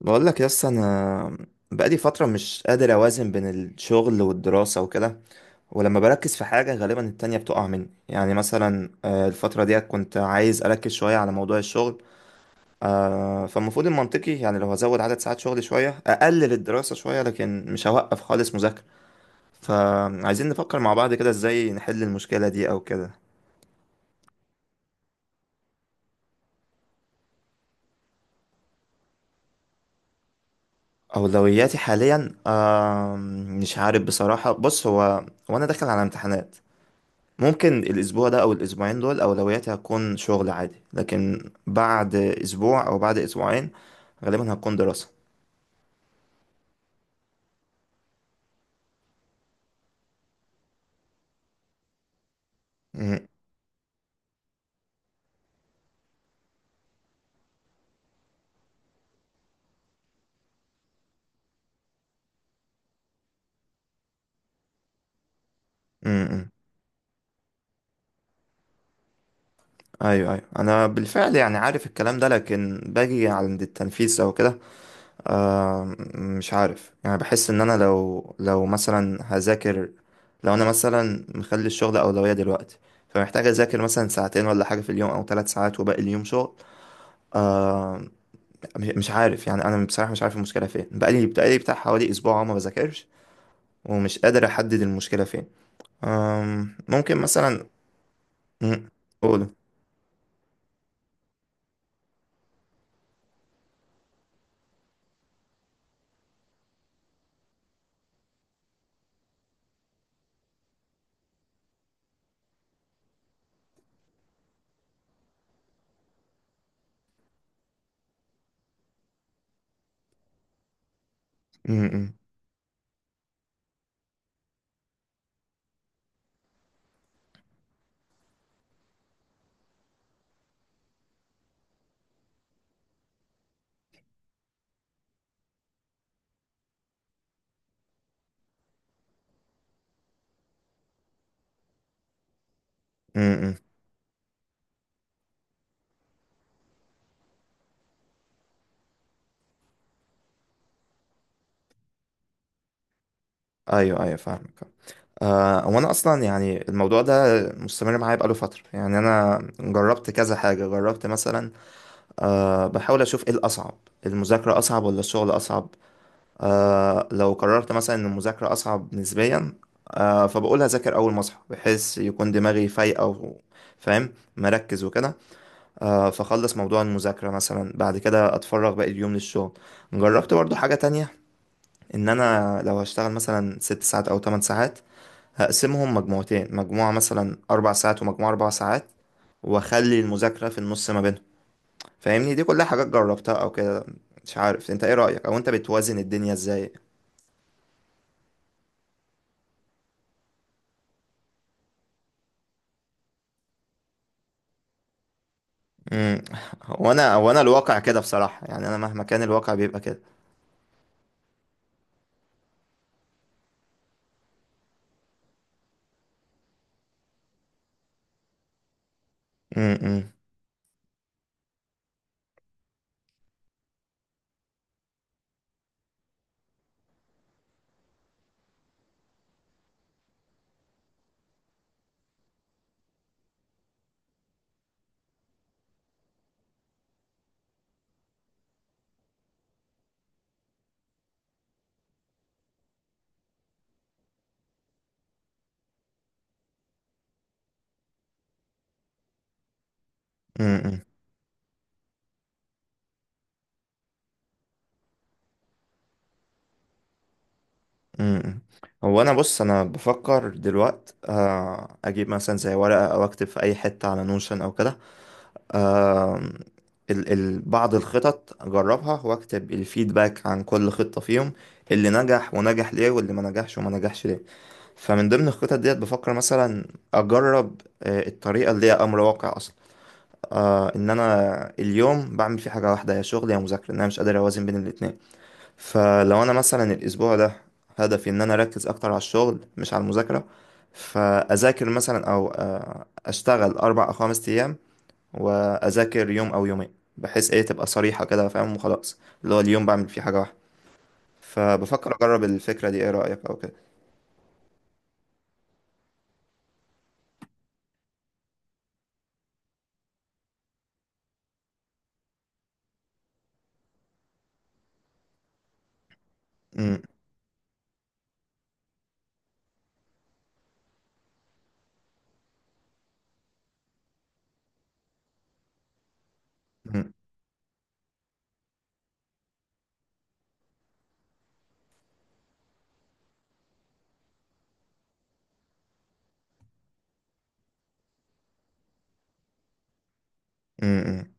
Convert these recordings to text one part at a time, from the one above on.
بقول لك يس انا. بقالي فتره مش قادر اوازن بين الشغل والدراسه وكده. ولما بركز في حاجه غالبا التانية بتقع مني، يعني مثلا الفتره ديت كنت عايز اركز شويه على موضوع الشغل. فالمفروض المنطقي يعني لو هزود عدد ساعات شغلي شويه اقلل الدراسه شويه، لكن مش هوقف خالص مذاكره. فعايزين نفكر مع بعض كده ازاي نحل المشكله دي او كده. اولوياتي حاليا مش عارف بصراحه. بص، هو وانا داخل على امتحانات ممكن الأسبوع ده أو الأسبوعين دول أولوياتي هتكون شغل عادي، لكن بعد أسبوع أو بعد أسبوعين غالبا هتكون دراسة. م- م- م. أيوه أيوه، أنا بالفعل يعني عارف الكلام ده لكن باجي عند التنفيذ أو كده. آه مش عارف يعني، بحس إن أنا لو مثلا هذاكر. لو أنا مثلا مخلي الشغل أولوية دلوقتي، فمحتاج أذاكر مثلا ساعتين ولا حاجة في اليوم أو 3 ساعات وباقي اليوم شغل. آه، مش عارف يعني، انا بصراحه مش عارف المشكله فين. بقالي بتاع حوالي اسبوع أهو ما بذاكرش، ومش قادر احدد المشكله فين. ممكن مثلا. مم، قول. مم. مم. مم. مم. ايوه ايوه فاهمك. هو انا اصلا يعني الموضوع ده مستمر معايا بقاله فتره. يعني انا جربت كذا حاجه، جربت مثلا بحاول اشوف ايه الاصعب، المذاكره اصعب ولا الشغل اصعب. لو قررت مثلا ان المذاكرة اصعب نسبيا، فبقول هذاكر اول ما اصحى بحيث يكون دماغي فايقة فاهم مركز وكده. فخلص موضوع المذاكرة مثلا، بعد كده اتفرغ باقي اليوم للشغل. جربت برضو حاجة تانية، ان انا لو هشتغل مثلا 6 ساعات او 8 ساعات هقسمهم مجموعتين، مجموعة مثلا 4 ساعات ومجموعة 4 ساعات، واخلي المذاكرة في النص ما بينهم. فاهمني، دي كلها حاجات جربتها او كده. مش عارف انت ايه رأيك، او انت بتوازن الدنيا ازاي؟ امم. هو انا الواقع كده بصراحة، يعني انا مهما كان الواقع بيبقى كده. امم. امم. امم. هو انا بص، انا بفكر دلوقت اجيب مثلا زي ورقة او اكتب في اي حتة على نوشن او كده. آه، ال ال بعض الخطط اجربها واكتب الفيدباك عن كل خطة فيهم، اللي نجح ونجح ليه واللي ما نجحش وما نجحش ليه. فمن ضمن الخطط ديت بفكر مثلا اجرب الطريقة اللي هي امر واقع. ان انا اليوم بعمل فيه حاجه واحده، يا شغل يا مذاكره، ان انا مش قادر اوازن بين الاتنين. فلو انا مثلا الاسبوع ده هدفي ان انا اركز اكتر على الشغل مش على المذاكره، فاذاكر مثلا او اشتغل 4 او 5 ايام واذاكر يوم او يومين، بحيث ايه تبقى صريحه كده فاهم وخلاص، اللي هو اليوم بعمل فيه حاجه واحده. فبفكر اجرب الفكره دي، ايه رايك او كده؟ م- م- م- م.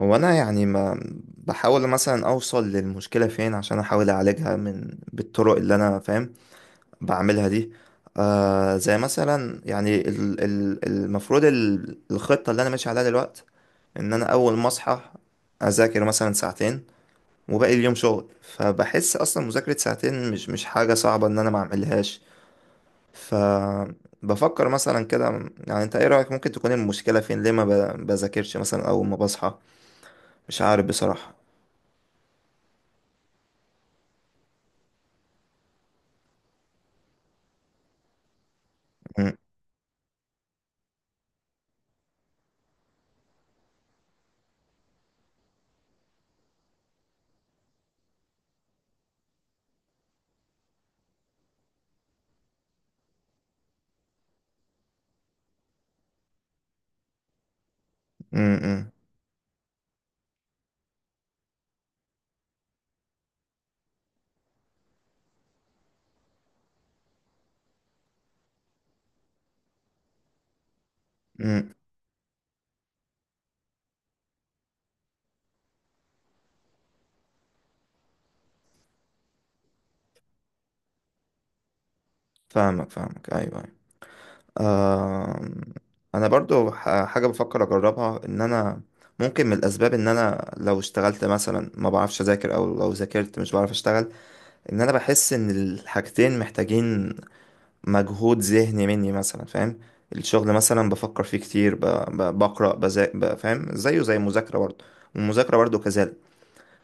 هو انا يعني ما بحاول مثلا اوصل للمشكله فين عشان احاول اعالجها من بالطرق اللي انا فاهم بعملها دي. زي مثلا يعني المفروض الخطه اللي انا ماشي عليها دلوقتي ان انا اول ما اصحى اذاكر مثلا ساعتين وباقي اليوم شغل. فبحس اصلا مذاكره ساعتين مش حاجه صعبه ان انا ما اعملهاش، فبفكر مثلا كده. يعني انت ايه رايك، ممكن تكون المشكله فين؟ ليه ما بذاكرش مثلا اول ما بصحى؟ مش عارف بصراحه. امم. امم. امم. فاهمك فاهمك ايوه ايوه. آم، انا برضو حاجه بفكر اجربها، ان انا ممكن من الاسباب ان انا لو اشتغلت مثلا ما بعرفش اذاكر، او لو ذاكرت مش بعرف اشتغل. ان انا بحس ان الحاجتين محتاجين مجهود ذهني مني مثلا فاهم. الشغل مثلا بفكر فيه كتير بقرا بذاكر، فاهم زيه زي المذاكره برضو، والمذاكره برضو كذلك.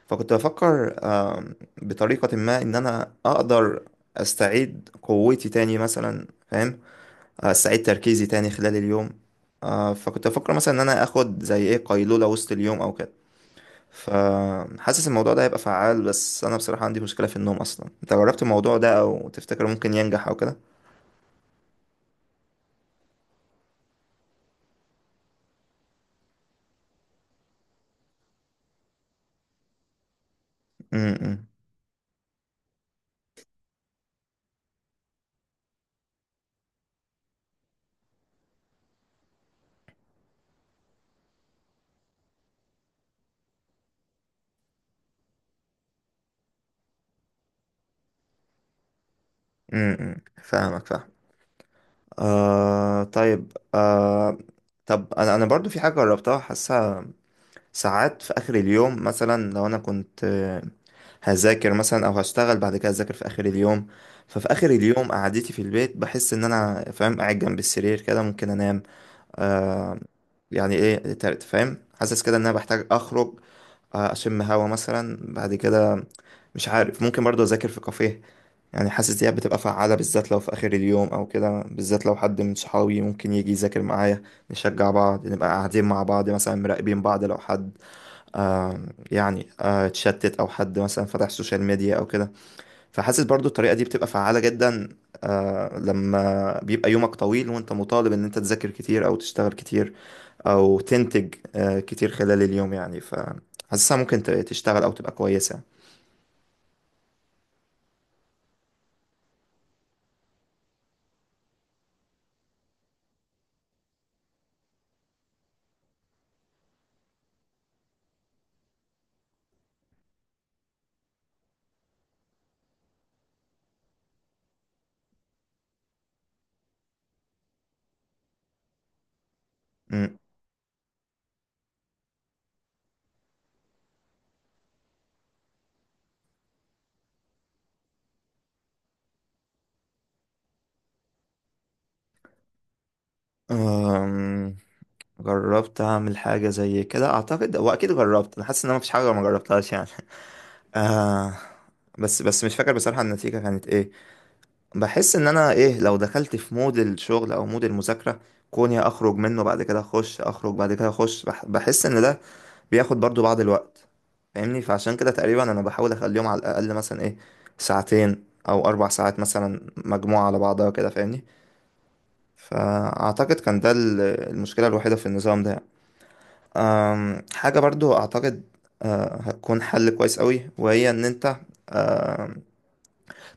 فكنت بفكر بطريقة ما إن أنا أقدر أستعيد قوتي تاني مثلا فاهم. أستعيد تركيزي تاني خلال اليوم. فكنت بفكر مثلا إن أنا آخد زي إيه قيلولة وسط اليوم أو كده. فحاسس الموضوع ده هيبقى فعال، بس أنا بصراحة عندي مشكلة في النوم أصلا. أنت جربت الموضوع ده أو تفتكر ممكن ينجح أو كده؟ امم. امم. فاهمك فاهم. طيب طب أنا برضو في حاجة جربتها حاسها. ساعات في آخر اليوم مثلا، لو أنا كنت هذاكر مثلا أو هشتغل بعد كده أذاكر في آخر اليوم. ففي آخر اليوم قعدتي في البيت بحس إن أنا فاهم قاعد جنب السرير كده ممكن أنام. آه يعني إيه فاهم، حاسس كده إن أنا بحتاج أخرج، أشم هوا مثلا بعد كده. مش عارف، ممكن برضه أذاكر في كافيه، يعني حاسس دي بتبقى فعالة بالذات لو في آخر اليوم أو كده، بالذات لو حد من صحابي ممكن يجي يذاكر معايا، نشجع بعض، نبقى قاعدين مع بعض مثلا مراقبين بعض لو حد آه يعني اتشتت او حد مثلا فتح سوشيال ميديا او كده. فحاسس برضو الطريقة دي بتبقى فعالة جدا لما بيبقى يومك طويل وانت مطالب ان انت تذاكر كتير او تشتغل كتير او تنتج كتير خلال اليوم يعني. فحاسسها ممكن تشتغل او تبقى كويسة. مم. آم، جربت اعمل حاجة زي كده اعتقد، واكيد جربت، انا حاسس ان انا مفيش حاجة ما جربتهاش يعني. آه بس بس مش فاكر بصراحة النتيجة كانت ايه. بحس ان انا ايه، لو دخلت في مود الشغل او مود المذاكرة، كوني اخرج منه بعد كده اخش، اخرج بعد كده اخش، بحس ان ده بياخد برضو بعض الوقت. فاهمني، فعشان كده تقريبا انا بحاول اخليهم على الاقل مثلا ايه، ساعتين او 4 ساعات مثلا مجموعة على بعضها كده فاهمني. فاعتقد كان ده المشكلة الوحيدة في النظام ده. حاجة برضو اعتقد هتكون حل كويس قوي، وهي ان انت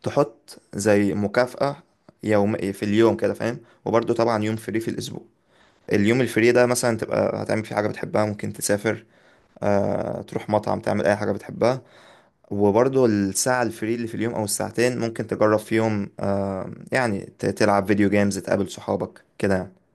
تحط زي مكافأة يوم في اليوم كده فاهم. وبرضه طبعا يوم فري في الأسبوع، اليوم الفري ده مثلا تبقى هتعمل فيه حاجة بتحبها، ممكن تسافر، تروح مطعم، تعمل أي حاجة بتحبها. وبرضه الساعة الفري اللي في اليوم أو الساعتين ممكن تجرب فيهم يعني تلعب فيديو جيمز، تقابل صحابك كده يعني.